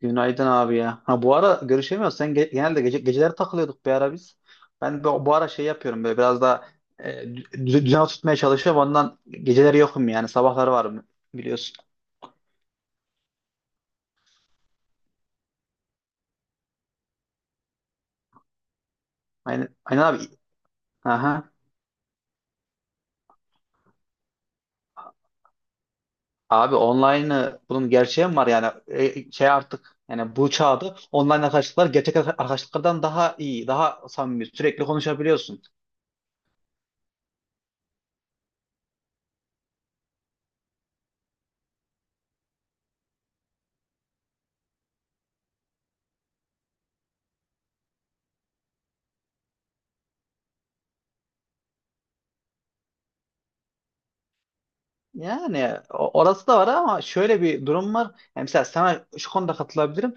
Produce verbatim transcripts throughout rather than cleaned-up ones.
Günaydın abi ya. Ha bu ara görüşemiyoruz. Sen ge- genelde gece geceleri takılıyorduk bir ara biz. Ben bu, bu ara şey yapıyorum böyle biraz daha e, dü- dü- düzen tutmaya çalışıyorum. Ondan geceleri yokum, yani sabahları varım, biliyorsun. Aynen, aynen abi. Aha. Abi online'ı bunun gerçeği mi var yani? E, şey, artık yani bu çağda online arkadaşlıklar gerçek arka- arkadaşlıklardan daha iyi, daha samimi, sürekli konuşabiliyorsun. Yani o- orası da var ama şöyle bir durum var. Yani mesela sana şu konuda katılabilirim.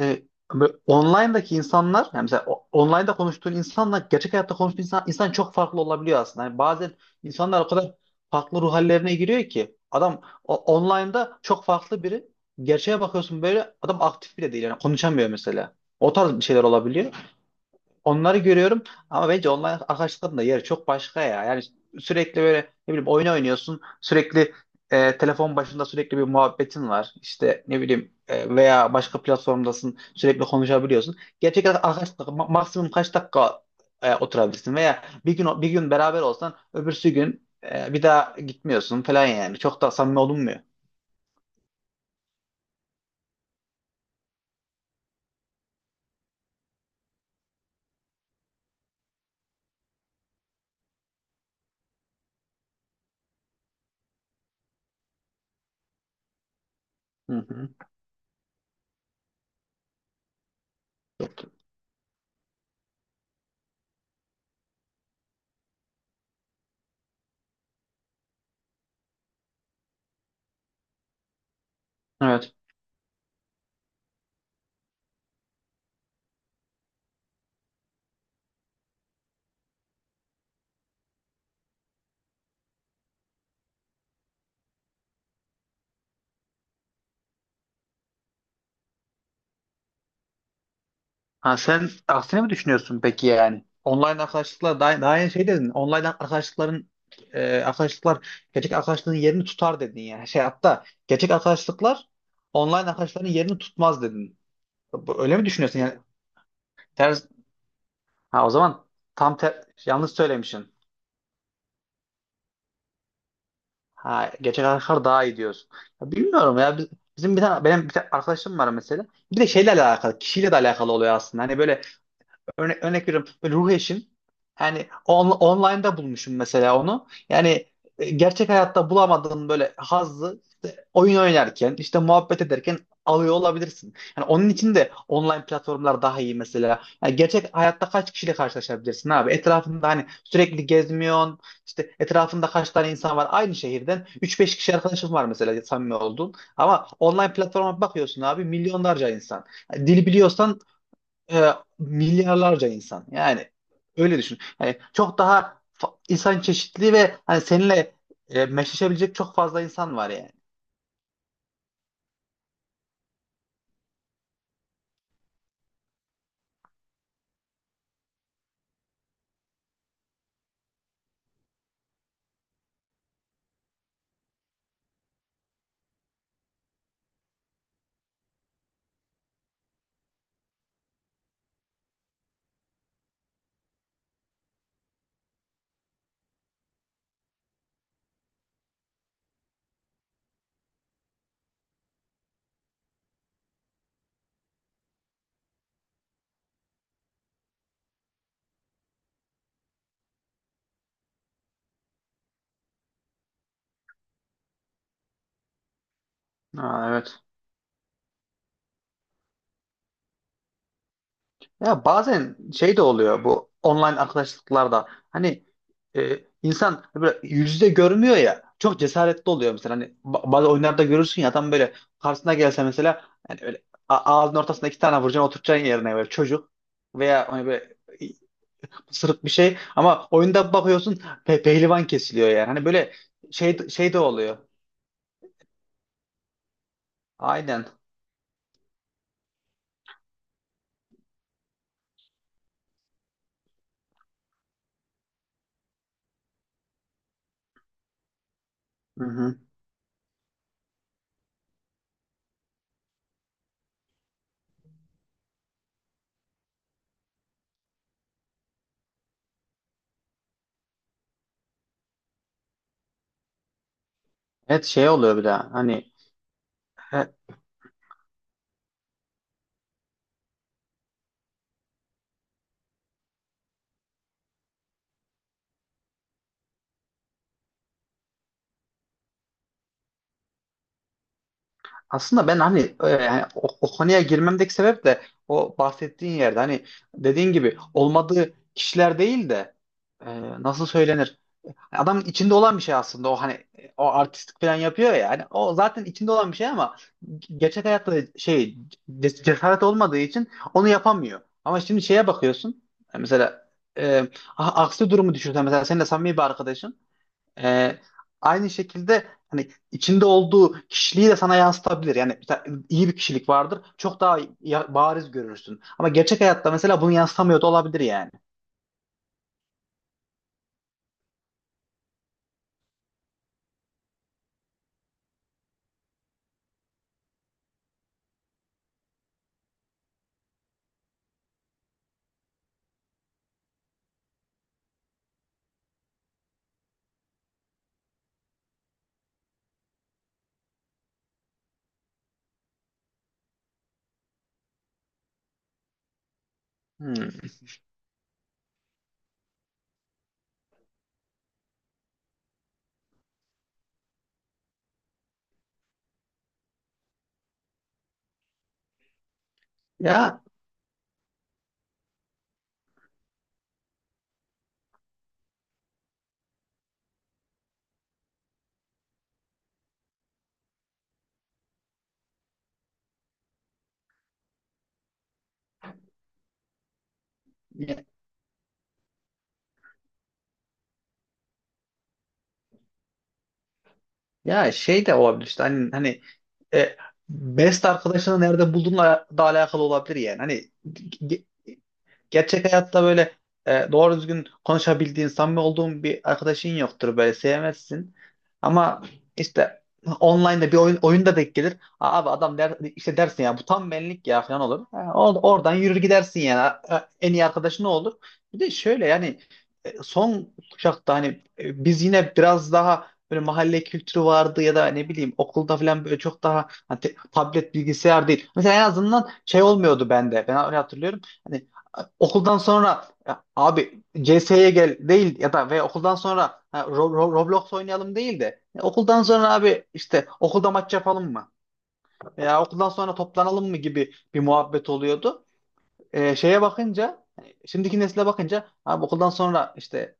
e, Böyle online'daki insanlar, yani mesela o- online'da konuştuğun insanla gerçek hayatta konuştuğun insan, insan çok farklı olabiliyor aslında. Yani bazen insanlar o kadar farklı ruh hallerine giriyor ki adam o- online'da çok farklı biri. Gerçeğe bakıyorsun böyle adam aktif bile değil, yani konuşamıyor mesela. O tarz bir şeyler olabiliyor. Onları görüyorum, ama bence online arkadaşlıkların da yeri çok başka ya. Yani sürekli böyle, ne bileyim, oyun oynuyorsun. Sürekli e, telefon başında sürekli bir muhabbetin var. İşte ne bileyim, e, veya başka platformdasın. Sürekli konuşabiliyorsun. Gerçek arkadaşlık ma- maksimum kaç dakika e, oturabilirsin, veya bir gün bir gün beraber olsan öbürsü gün e, bir daha gitmiyorsun falan yani. Çok da samimi olunmuyor. Hı hı. Evet. Ha, sen aksine mi düşünüyorsun peki yani? Online arkadaşlıklar daha, daha yeni şey dedin. Online arkadaşlıkların e, arkadaşlıklar gerçek arkadaşlığın yerini tutar dedin yani. Şey, hatta gerçek arkadaşlıklar online arkadaşların yerini tutmaz dedin. Bu- Öyle mi düşünüyorsun yani? Ters, ha o zaman tam ter, yanlış söylemişsin. Ha, gerçek arkadaşlar daha iyi diyorsun. Ya bilmiyorum ya, biz- bizim bir tane, benim bir tane arkadaşım var mesela. Bir de şeyle alakalı, kişiyle de alakalı oluyor aslında. Hani böyle, Örne örnek veriyorum. Böyle ruh eşim. Yani on online'da bulmuşum mesela onu. Yani e, gerçek hayatta bulamadığın böyle hazzı işte oyun oynarken, işte muhabbet ederken alıyor olabilirsin. Yani onun için de online platformlar daha iyi mesela. Yani gerçek hayatta kaç kişiyle karşılaşabilirsin abi? Etrafında hani sürekli gezmiyorsun. İşte etrafında kaç tane insan var, aynı şehirden üç beş kişi arkadaşın var mesela, samimi oldun. Ama online platforma bakıyorsun abi, milyonlarca insan. Yani dil biliyorsan, e, milyarlarca insan. Yani öyle düşün. Yani çok daha fa- insan çeşitliliği ve hani seninle e, meşleşebilecek çok fazla insan var yani. Ha, evet. Ya bazen şey de oluyor bu online arkadaşlıklarda. Hani e, insan böyle yüzde görmüyor ya. Çok cesaretli oluyor mesela. Hani ba- bazı oyunlarda görürsün ya, adam böyle karşısına gelse mesela, hani öyle a- ağzının ortasına iki tane vuracaksın, oturacaksın yerine, böyle çocuk veya hani böyle sırık bir şey ama oyunda bakıyorsun pe pehlivan kesiliyor yani. Hani böyle şey şey de oluyor. Aynen. Hı hı. Evet, şey oluyor bir de hani e, aslında ben hani, e, yani o, o konuya girmemdeki sebep de o bahsettiğin yerde, hani dediğin gibi olmadığı kişiler değil de, e, nasıl söylenir? Adamın içinde olan bir şey aslında o, hani o artistik falan yapıyor ya, hani o zaten içinde olan bir şey ama gerçek hayatta şey, ce- cesaret olmadığı için onu yapamıyor. Ama şimdi şeye bakıyorsun. Yani mesela e, a- aksi durumu düşünsen, mesela seninle samimi bir arkadaşın e, aynı şekilde hani içinde olduğu kişiliği de sana yansıtabilir. Yani mesela iyi bir kişilik vardır, çok daha ya- bariz görürsün, ama gerçek hayatta mesela bunu yansıtamıyor da olabilir yani. Hmm. Ya Ya şey de olabilir işte, hani, hani e, best arkadaşını nerede bulduğunla da alakalı olabilir yani. Hani, gerçek hayatta böyle e, doğru düzgün konuşabildiğin, samimi olduğun bir arkadaşın yoktur, böyle sevmezsin. Ama işte online'da bir oyun, oyunda denk gelir. "Aa, abi adam," der, işte dersin ya, "bu tam benlik ya," falan olur. Ha, or- oradan yürür gidersin yani. Ha, en iyi arkadaşın ne olur? Bir de şöyle yani, e, son kuşakta hani e, biz yine biraz daha böyle mahalle kültürü vardı, ya da ne bileyim okulda falan, böyle çok daha hani te- tablet bilgisayar değil. Mesela en azından şey olmuyordu bende. Ben öyle hatırlıyorum. Hani okuldan sonra "Ya abi C S'ye gel," değil, ya da ve okuldan sonra ha, Ro- Ro- Roblox oynayalım değil de "Ya okuldan sonra abi, işte okulda maç yapalım mı? Veya okuldan sonra toplanalım mı?" gibi bir muhabbet oluyordu. Ee, şeye bakınca, hani şimdiki nesile bakınca, abi okuldan sonra işte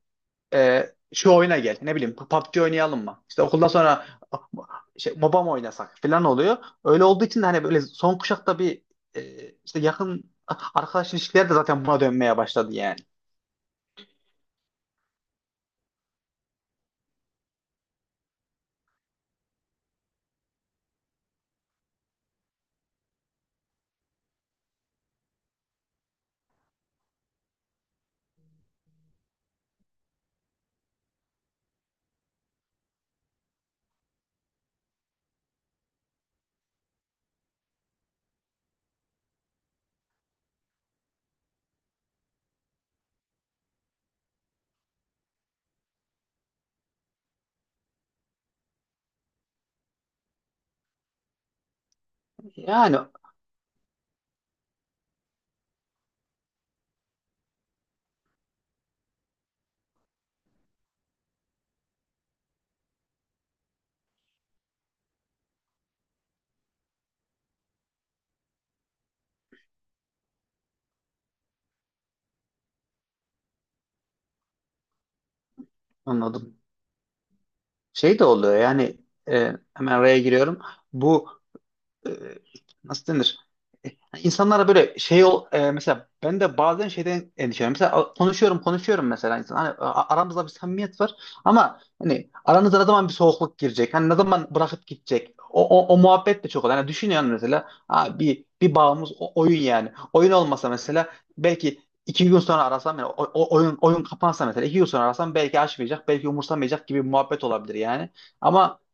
e, şu oyuna gel, ne bileyim P U B G oynayalım mı? İşte okuldan sonra şey, MOBA mı oynasak?" falan oluyor. Öyle olduğu için de hani böyle son kuşakta bir, e, işte yakın arkadaş ilişkileri de zaten buna dönmeye başladı yani. Yani anladım. Şey de oluyor yani, e, hemen araya giriyorum. Bu, e, nasıl denir? E, hani İnsanlara böyle şey ol, e, mesela ben de bazen şeyden endişeleniyorum. Mesela a- konuşuyorum konuşuyorum mesela, insan hani a- aramızda bir samimiyet var ama hani aranıza ne zaman bir soğukluk girecek? Hani ne zaman bırakıp gidecek? O, o, o muhabbet de çok oluyor. Hani düşünüyorum mesela ha, bir bir bağımız o- oyun yani. Oyun olmasa mesela belki iki gün sonra arasam, yani o- o- oyun oyun kapansa mesela iki gün sonra arasam belki açmayacak, belki umursamayacak gibi bir muhabbet olabilir yani. Ama